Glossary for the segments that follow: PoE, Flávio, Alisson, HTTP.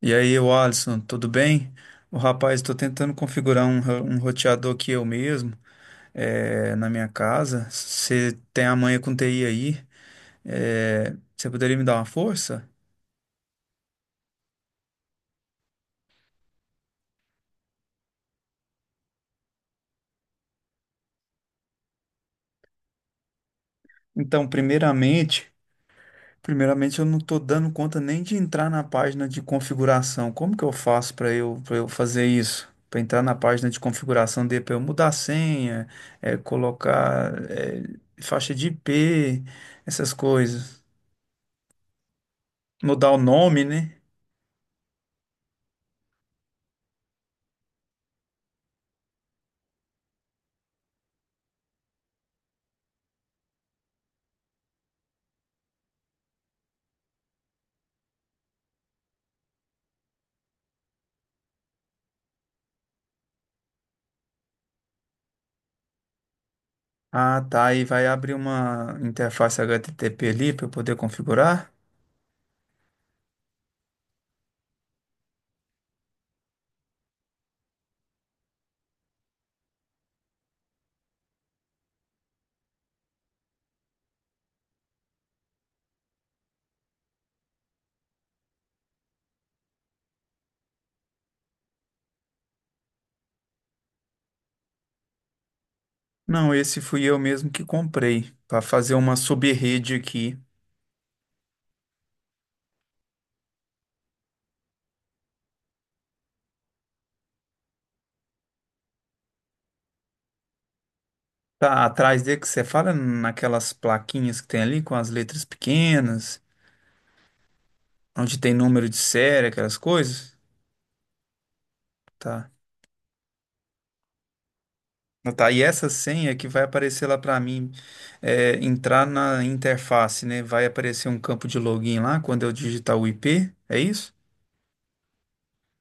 E aí, o Alisson, tudo bem? O rapaz, estou tentando configurar um roteador aqui eu mesmo, na minha casa. Você tem a manha com TI aí, você poderia me dar uma força? Então, primeiramente eu não estou dando conta nem de entrar na página de configuração. Como que eu faço para eu fazer isso? Para entrar na página de configuração, de para eu mudar a senha, colocar, faixa de IP, essas coisas. Mudar o nome, né? Ah, tá. E vai abrir uma interface HTTP ali para eu poder configurar? Não, esse fui eu mesmo que comprei para fazer uma sub-rede aqui. Tá atrás dele que você fala naquelas plaquinhas que tem ali com as letras pequenas, onde tem número de série, aquelas coisas. Tá. Ah, tá, e essa senha que vai aparecer lá para mim é, entrar na interface, né? Vai aparecer um campo de login lá quando eu digitar o IP, é isso?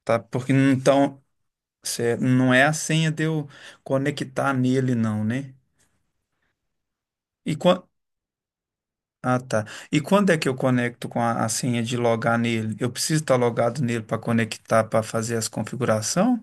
Tá, porque então. Certo. Não é a senha de eu conectar nele, não, né? E quan- Ah, tá. E quando é que eu conecto com a senha de logar nele? Eu preciso estar logado nele para conectar, para fazer as configurações?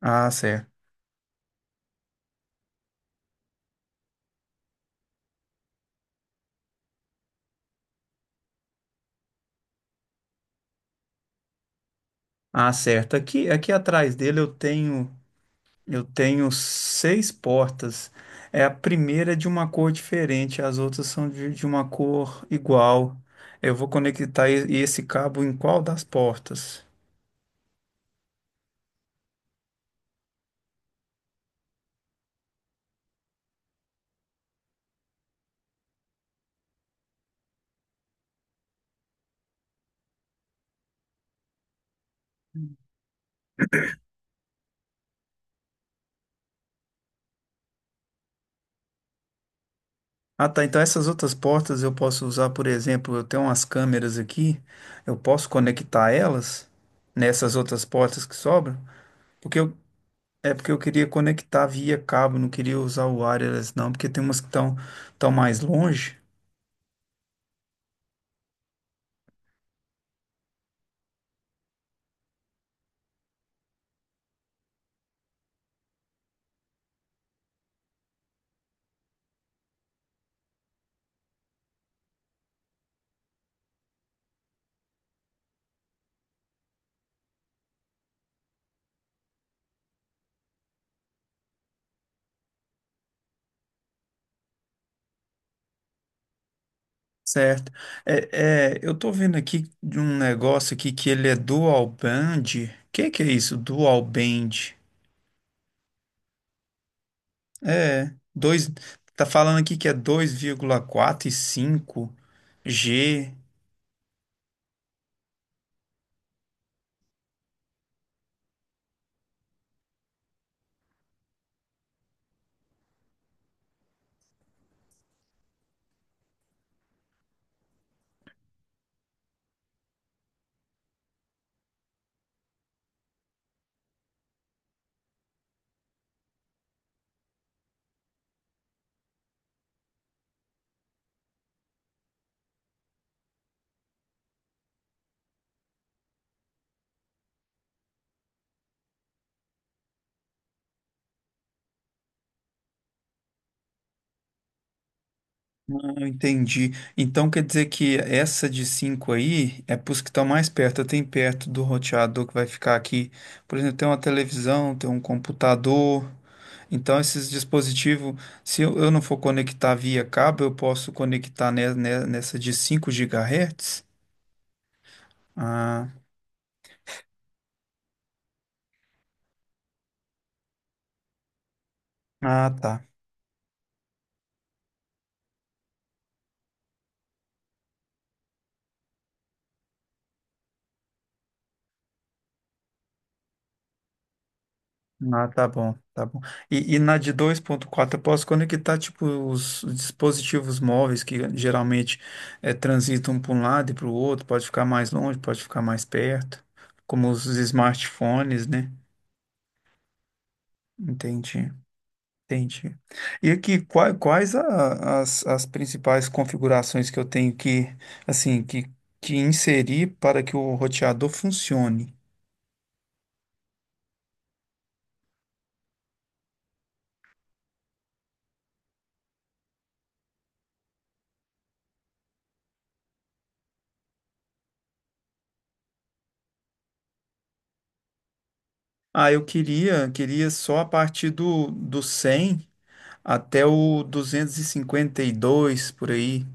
Ah, certo. Ah, certo. Aqui atrás dele eu tenho seis portas. É a primeira é de uma cor diferente, as outras são de uma cor igual. Eu vou conectar esse cabo em qual das portas? Ah, tá. Então essas outras portas eu posso usar, por exemplo, eu tenho umas câmeras aqui, eu posso conectar elas nessas outras portas que sobram, porque eu, é porque eu queria conectar via cabo, não queria usar o wireless não, porque tem umas que estão tão mais longe, certo? Eu tô vendo aqui de um negócio aqui que ele é dual band. Que é isso? Dual band? É, dois, tá falando aqui que é 2,4 e cinco g. Ah, entendi. Então quer dizer que essa de 5 aí é para os que estão mais perto, tem perto do roteador que vai ficar aqui. Por exemplo, tem uma televisão, tem um computador. Então esses dispositivos, se eu não for conectar via cabo, eu posso conectar nessa de 5 gigahertz? Ah, ah, tá. Ah, tá bom, tá bom. E na de 2,4 eu posso conectar tipo os dispositivos móveis que geralmente transitam para um lado e para o outro, pode ficar mais longe, pode ficar mais perto, como os smartphones, né? Entendi, entendi. E aqui, quais as principais configurações que eu tenho que, assim, que inserir para que o roteador funcione? Ah, eu queria só a partir do 100 até o 252 por aí.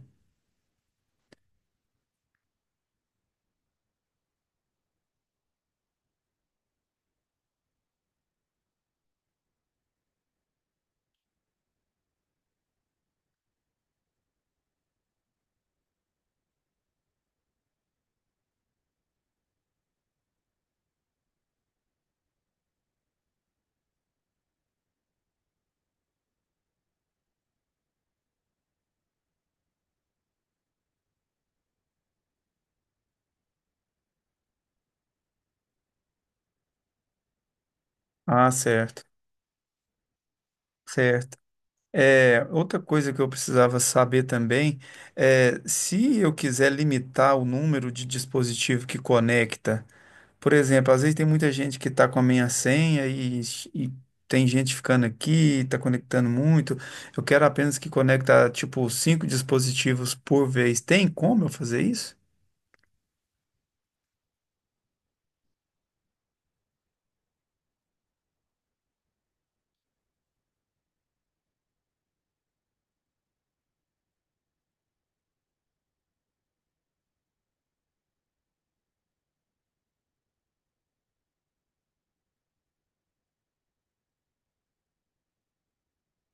Ah, certo, certo. É, outra coisa que eu precisava saber também é se eu quiser limitar o número de dispositivo que conecta. Por exemplo, às vezes tem muita gente que está com a minha senha e tem gente ficando aqui, está conectando muito. Eu quero apenas que conecta tipo cinco dispositivos por vez. Tem como eu fazer isso?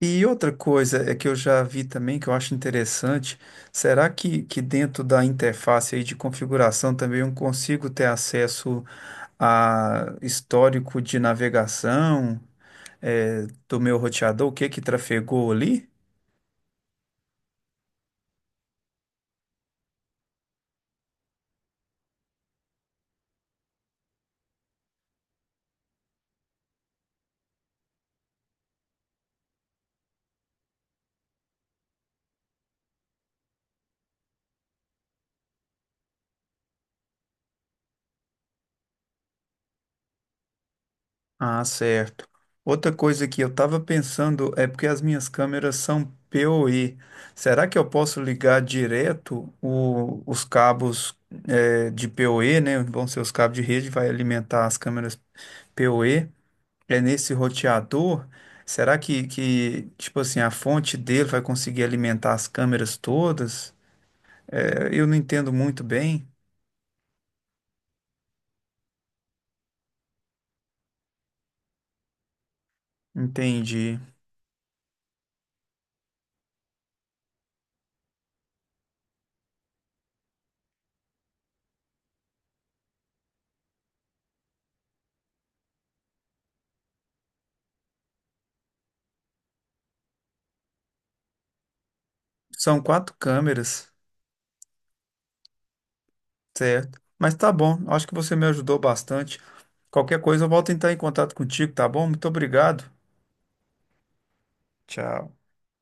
E outra coisa é que eu já vi também que eu acho interessante, será que dentro da interface aí de configuração também eu consigo ter acesso a histórico de navegação, do meu roteador, o que que trafegou ali? Ah, certo. Outra coisa que eu estava pensando é porque as minhas câmeras são PoE. Será que eu posso ligar direto os cabos de PoE, né? Vão ser os cabos de rede, vai alimentar as câmeras PoE é nesse roteador. Será que, tipo assim, a fonte dele vai conseguir alimentar as câmeras todas? É, eu não entendo muito bem. Entendi. São quatro câmeras, certo? Mas tá bom, acho que você me ajudou bastante. Qualquer coisa, eu volto a entrar em contato contigo, tá bom? Muito obrigado. Tchau.